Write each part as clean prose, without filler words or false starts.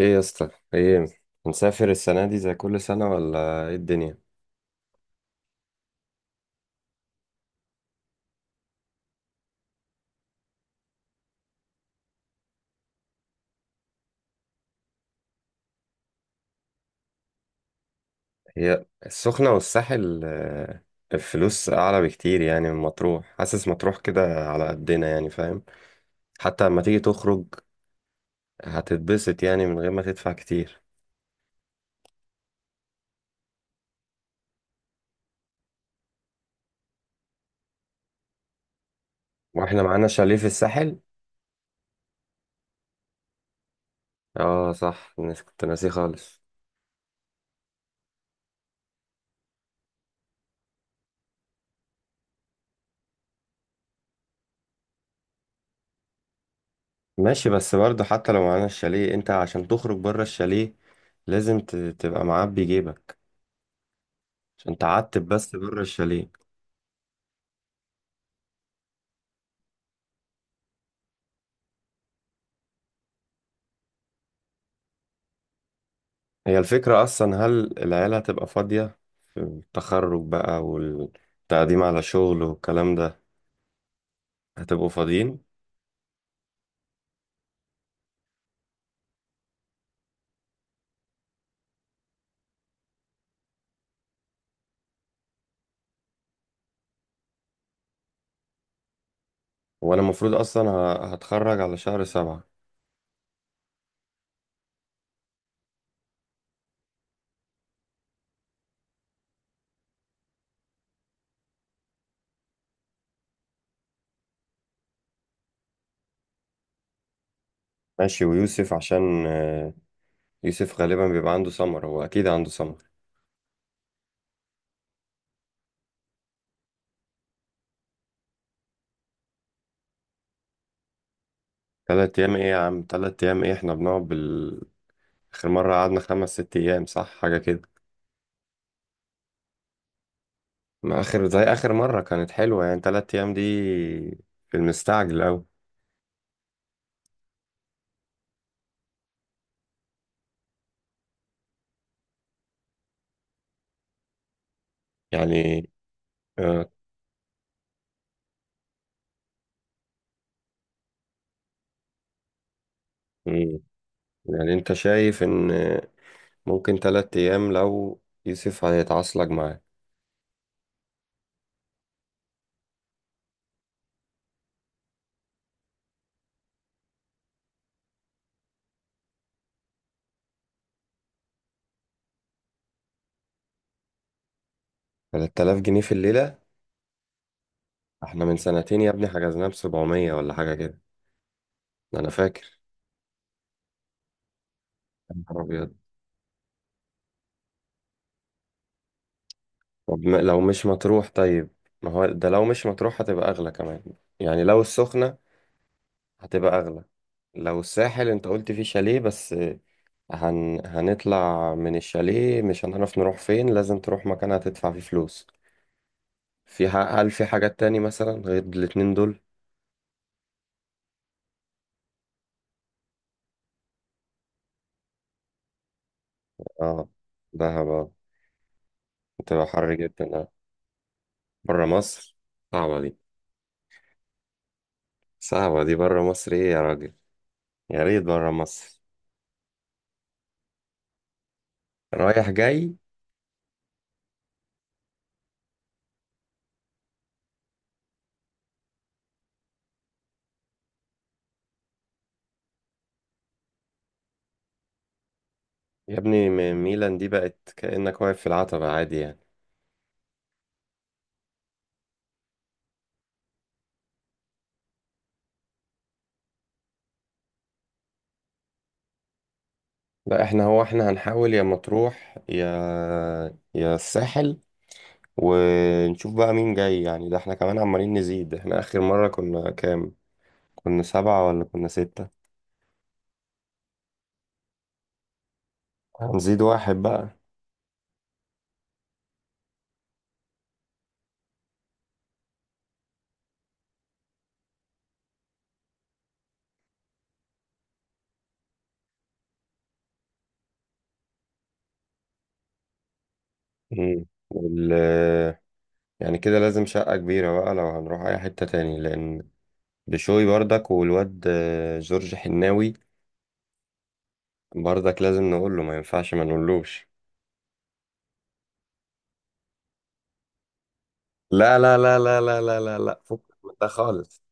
ايه يا اسطى ايه؟ هنسافر السنة دي زي كل سنة، ولا ايه الدنيا؟ هي السخنة والساحل، الفلوس أعلى بكتير يعني من مطروح. حاسس مطروح كده على قدنا يعني، فاهم؟ حتى لما تيجي تخرج هتتبسط يعني من غير ما تدفع كتير. واحنا معانا شاليه في الساحل. اه صح، كنت ناسيه خالص. ماشي بس برضه، حتى لو معانا الشاليه انت عشان تخرج بره الشاليه لازم تبقى معبي جيبك عشان تعتب بس بره الشاليه. هي الفكرة أصلا، هل العيلة هتبقى فاضية في التخرج بقى والتقديم على شغل والكلام ده؟ هتبقوا فاضيين؟ وأنا المفروض أصلا هتخرج على شهر 7. ماشي، ويوسف عشان آه، يوسف غالبا بيبقى عنده سمر، هو أكيد عنده سمر. تلات أيام إيه يا عم؟ 3 أيام إيه؟ إحنا بنقعد بال... آخر مرة قعدنا 5 ست أيام، صح؟ حاجة كده. ما آخر، زي آخر مرة كانت حلوة، يعني 3 أيام دي في المستعجل أوي. يعني آه، مم. يعني انت شايف ان ممكن 3 أيام لو يوسف هيتعصلك معاه. 3000 جنيه في الليلة؟ احنا من سنتين يا ابني حجزناه ب700 ولا حاجة كده. ده أنا فاكر. يا نهار أبيض. طب لو مش مطروح طيب، ما هو ده لو مش مطروح هتبقى أغلى كمان. يعني لو السخنة هتبقى أغلى. لو الساحل أنت قلت فيه شاليه بس، هنطلع من الشاليه مش هنعرف نروح فين، لازم تروح مكان هتدفع فيه فلوس. في هل في حاجات تاني مثلا غير الاتنين دول؟ اه، دهب اه، بتبقى حر جدا. بره مصر؟ صعبة دي. صعبة دي، بره مصر ايه يا راجل؟ يا ريت بره مصر. رايح جاي. يا ابني ميلان دي بقت كأنك واقف في العتبة عادي يعني. لا احنا، هو احنا هنحاول يا مطروح يا الساحل، ونشوف بقى مين جاي. يعني ده احنا كمان عمالين نزيد، احنا آخر مرة كنا كام؟ كنا سبعة ولا كنا ستة؟ هنزيد واحد بقى. مم. وال... يعني كده لازم شقة كبيرة بقى لو هنروح أي حتة تاني، لأن بشوي بردك والواد جورج حناوي بردك لازم نقول له. ما ينفعش ما نقولوش؟ لا لا لا لا لا لا لا لا، فكك من ده خالص.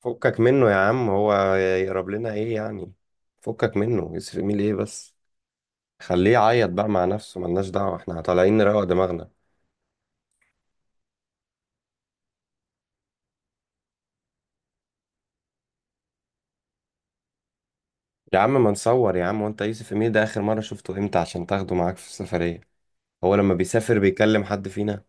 فكك منه يا عم، هو يقرب لنا ايه يعني؟ فكك منه، يسرق ميل ايه بس؟ خليه يعيط بقى مع نفسه، ملناش دعوة، احنا طالعين نروق دماغنا. يا عم ما نصور يا عم، وانت يوسف امير ده اخر مرة شفته امتى عشان تاخده معاك في السفرية؟ هو لما بيسافر بيكلم حد فينا؟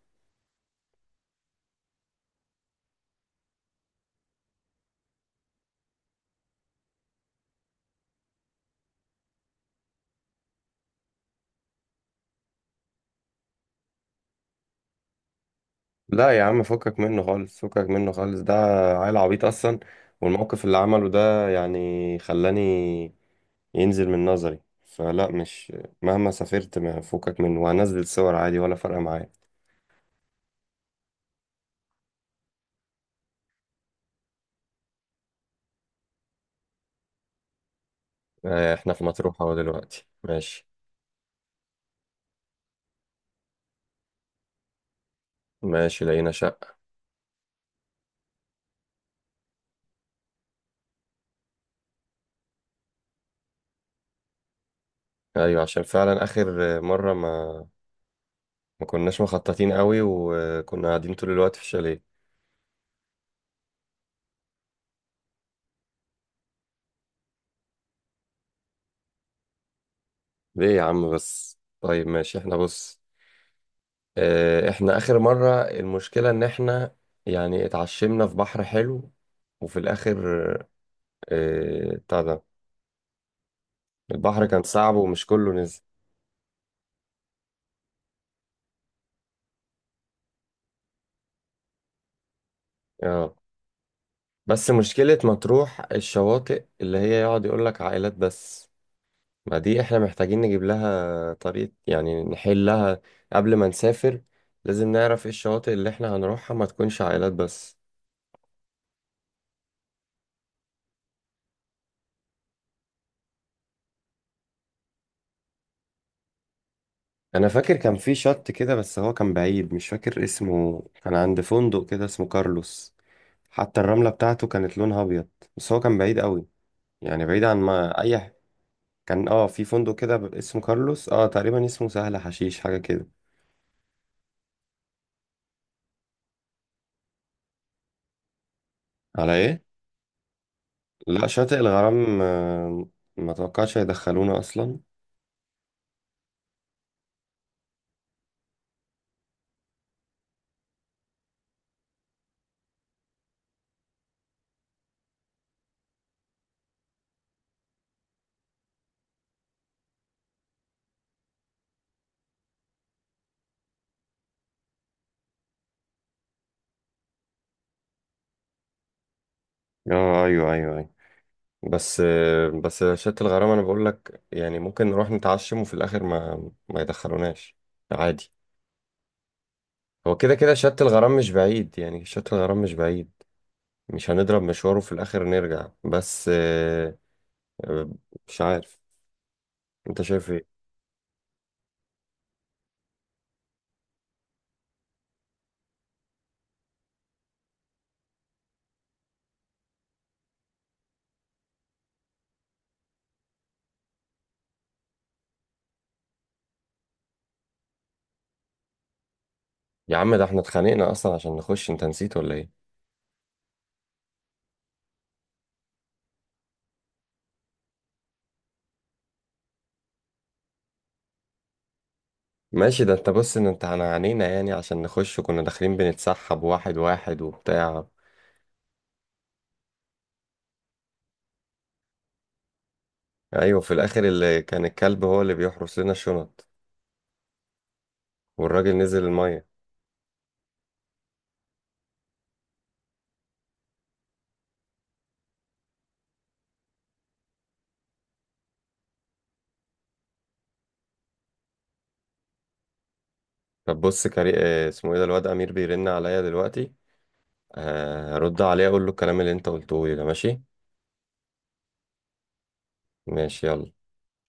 لا يا عم، فكك منه خالص، فكك منه خالص، ده عيل عبيط اصلا. والموقف اللي عمله ده يعني خلاني ينزل من نظري، فلا مش مهما سافرت ما فكك منه، وهنزل صور عادي، ولا فارقه معايا. احنا في مطروح اهو دلوقتي، ماشي. ماشي، لقينا شقه. ايوه، عشان فعلا اخر مره ما كناش مخططين قوي، وكنا قاعدين طول الوقت في الشاليه. ليه يا عم؟ بس طيب ماشي احنا بص، احنا اخر مرة المشكلة ان احنا يعني اتعشمنا في بحر حلو، وفي الاخر بتاع ده البحر كان صعب ومش كله نزل. اه بس مشكلة مطروح الشواطئ اللي هي يقعد يقول لك عائلات بس، ما دي احنا محتاجين نجيب لها طريقة يعني نحلها قبل ما نسافر. لازم نعرف ايه الشواطئ اللي احنا هنروحها ما تكونش عائلات بس. انا فاكر كان في شط كده بس هو كان بعيد، مش فاكر اسمه، كان عند فندق كده اسمه كارلوس. حتى الرملة بتاعته كانت لونها أبيض، بس هو كان بعيد قوي يعني، بعيد عن ما أي كان اه في فندق كده اسمه كارلوس، اه تقريبا اسمه سهل حشيش حاجة كده. على ايه؟ لا شاطئ الغرام، ما توقعش هيدخلونا أصلا. اه أيوه أيوه أيوه. بس شاطئ الغرام أنا بقول لك، يعني ممكن نروح نتعشم وفي الآخر ما يدخلوناش، عادي. هو كده كده شاطئ الغرام مش بعيد، يعني شاطئ الغرام مش بعيد. مش هنضرب مشواره في الآخر نرجع، بس آه، مش عارف انت شايف ايه. يا عم ده احنا اتخانقنا اصلا عشان نخش، انت نسيت ولا ايه؟ ماشي، ده انت بص ان انت انا عانينا يعني عشان نخش، وكنا داخلين بنتسحب واحد واحد وبتاع. ايوه، في الاخر اللي كان الكلب هو اللي بيحرس لنا الشنط، والراجل نزل الميه. طب بص كري اسمه ايه ده؟ الواد امير بيرن عليا دلوقتي، اه، هرد عليه اقول له الكلام اللي انت قلته لي ده، ماشي؟ ماشي يلا.